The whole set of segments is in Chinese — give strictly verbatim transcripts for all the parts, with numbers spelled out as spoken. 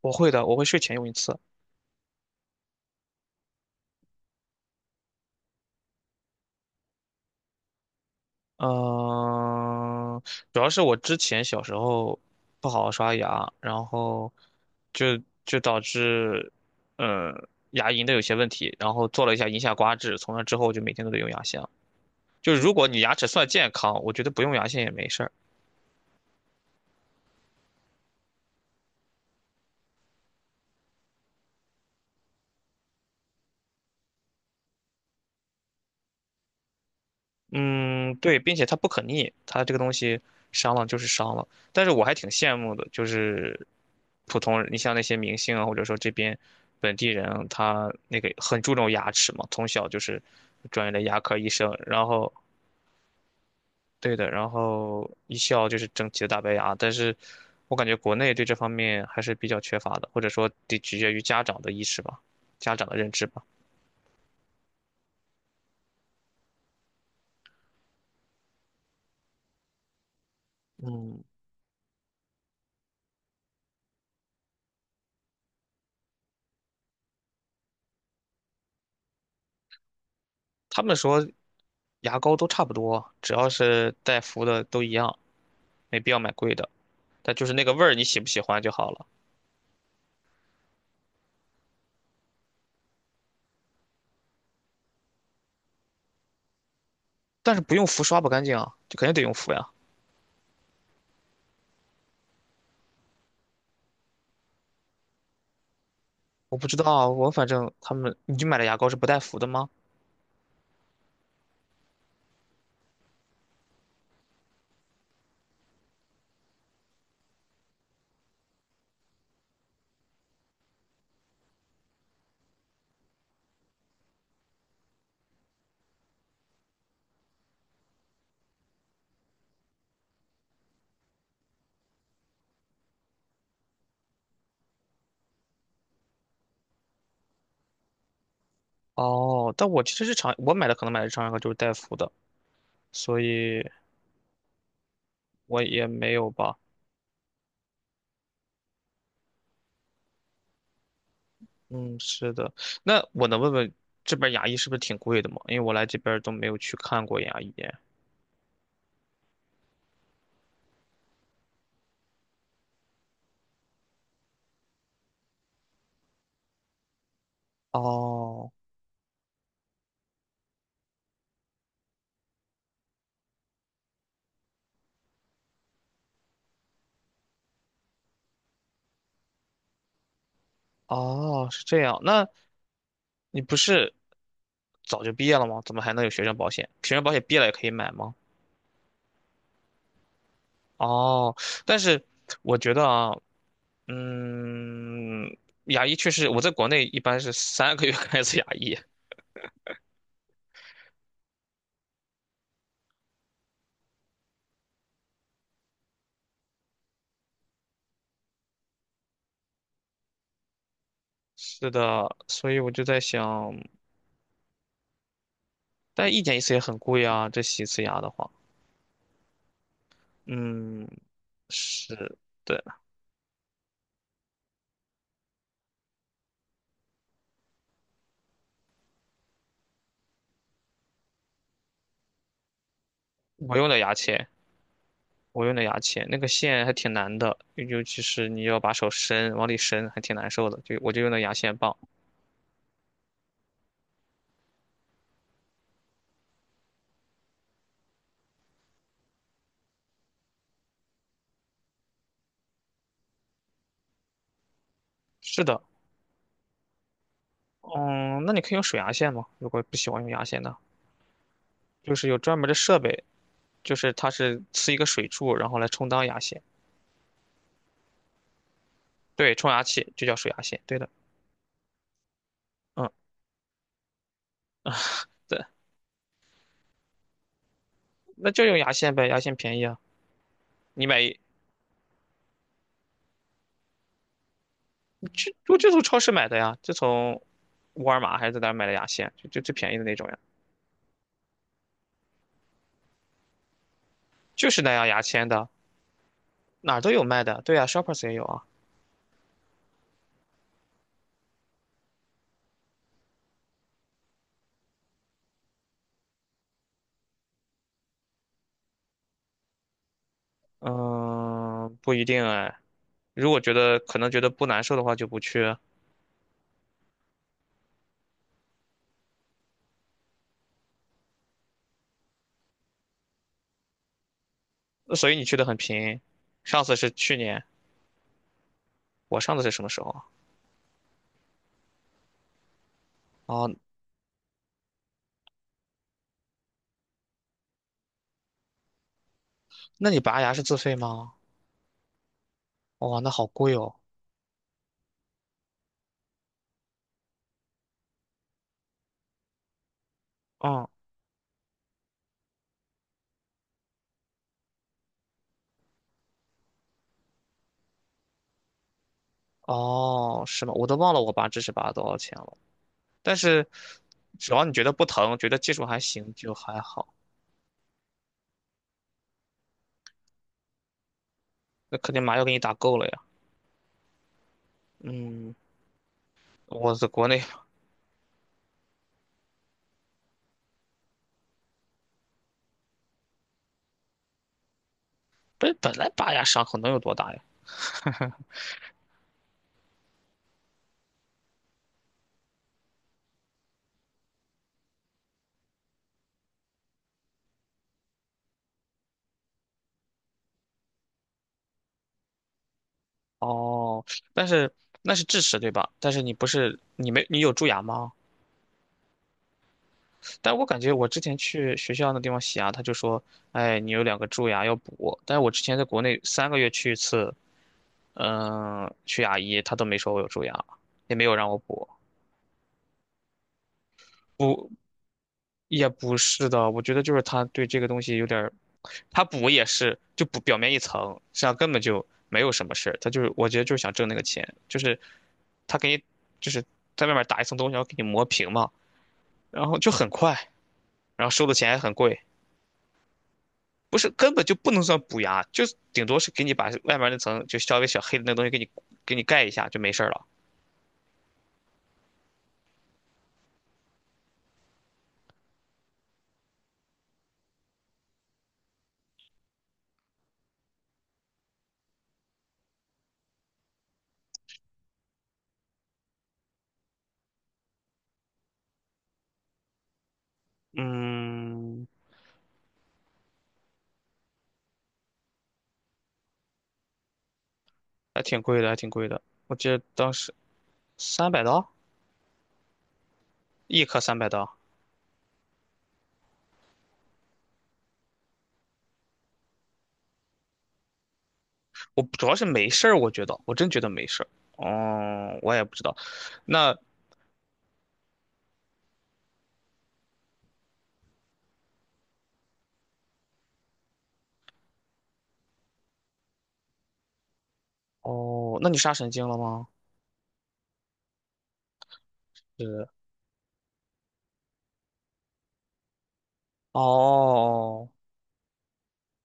我会的，我会睡前用一次。嗯，主要是我之前小时候不好好刷牙，然后就就导致，呃，牙龈的有些问题，然后做了一下龈下刮治，从那之后就每天都得用牙线了，就是如果你牙齿算健康，我觉得不用牙线也没事儿。嗯，对，并且它不可逆，它这个东西伤了就是伤了。但是我还挺羡慕的，就是普通人，你像那些明星啊，或者说这边本地人啊他那个很注重牙齿嘛，从小就是专业的牙科医生，然后对的，然后一笑就是整齐的大白牙。但是我感觉国内对这方面还是比较缺乏的，或者说得取决于家长的意识吧，家长的认知吧。嗯，他们说牙膏都差不多，只要是带氟的都一样。没必要买贵的。但就是那个味儿，你喜不喜欢就好了。但是不用氟刷不干净啊，就肯定得用氟呀。我不知道啊，我反正他们，你就买的牙膏是不带氟的吗？哦，但我其实日常我买的可能买的日常牙膏就是带氟的，所以我也没有吧。嗯，是的。那我能问问这边牙医是不是挺贵的吗？因为我来这边都没有去看过牙医。哦，哦，是这样。那你不是早就毕业了吗？怎么还能有学生保险？学生保险毕业了也可以买吗？哦，但是我觉得啊，嗯，牙医确实，我在国内一般是三个月 看一次牙医。是的，所以我就在想，但一年一次也很贵啊，这洗一次牙的话，嗯，是的，我用的牙签，我用的牙签，那个线还挺难的，尤其是你要把手伸往里伸，还挺难受的，就我就用的牙线棒。是的，嗯，那你可以用水牙线吗？如果不喜欢用牙线的，就是有专门的设备，就是它是呲一个水柱，然后来充当牙线，对，冲牙器就叫水牙线，对的，嗯，对，那就用牙线呗，牙线便宜啊，你买就你这我就从超市买的呀，就从沃尔玛还是在哪儿买的牙线，就就最便宜的那种呀，就是那样牙签的，哪儿都有卖的，对呀，Shoppers 也有啊，嗯，不一定哎，如果觉得可能觉得不难受的话就不去，那所以你去的很频，上次是去年，我上次是什么时候啊？哦，那你拔牙是自费吗？哇、那好贵哦。嗯，哦，是吗？我都忘了我拔智齿拔了多少钱了。但是只要你觉得不疼，觉得技术还行，就还好。那肯定麻药给你打够了呀。嗯，我在国内不是本来拔牙伤口能有多大呀？哦，但是那是智齿对吧？但是你不是你没你有蛀牙吗？但我感觉我之前去学校那地方洗牙，他就说，哎，你有两个蛀牙要补。但是我之前在国内三个月去一次，嗯、去牙医他都没说我有蛀牙，也没有让我补。不，也不是的，我觉得就是他对这个东西有点儿，他补也是就补表面一层，实际上根本就没有什么事儿。他就是，我觉得就是想挣那个钱，就是他给你就是在外面打一层东西，然后给你磨平嘛，然后就很快，然后收的钱还很贵，不是根本就不能算补牙，就是顶多是给你把外面那层就稍微小黑的那东西给你给你盖一下就没事儿了。嗯，还挺贵的，还挺贵的，我记得当时三百刀一颗三百刀。我主要是没事儿，我觉得我真觉得没事儿。哦，我也不知道。那哦，那你杀神经了吗？是哦，哦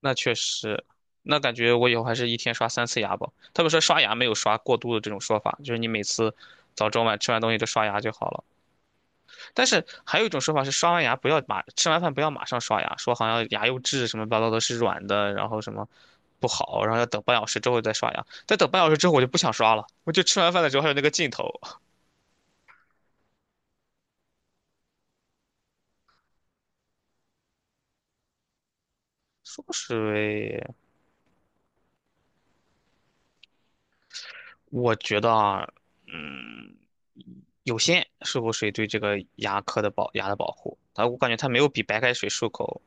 那确实，那感觉我以后还是一天刷三次牙吧。他们说刷牙没有刷过度的这种说法，就是你每次早中晚吃完东西就刷牙就好了。但是还有一种说法是刷完牙不要马，吃完饭不要马上刷牙，说好像牙釉质什么乱七八糟的是软的，然后什么不好，然后要等半小时之后再刷牙。再等半小时之后我就不想刷了，我就吃完饭的时候还有那个劲头。漱口水，我觉得啊，嗯，有限，漱口水对这个牙科的保牙的保护，它我感觉它没有比白开水漱口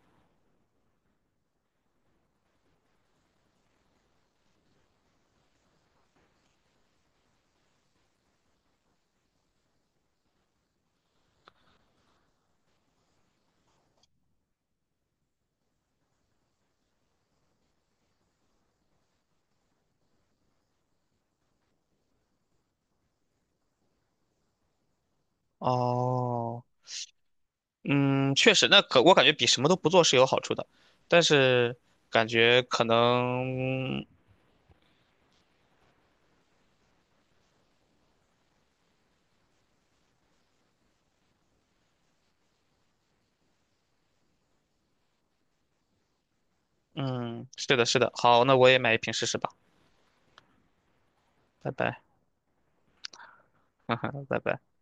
哦，嗯，确实，那可我感觉比什么都不做是有好处的，但是感觉可能，嗯，是的，是的，好，那我也买一瓶试试吧，拜拜，哈哈，拜拜。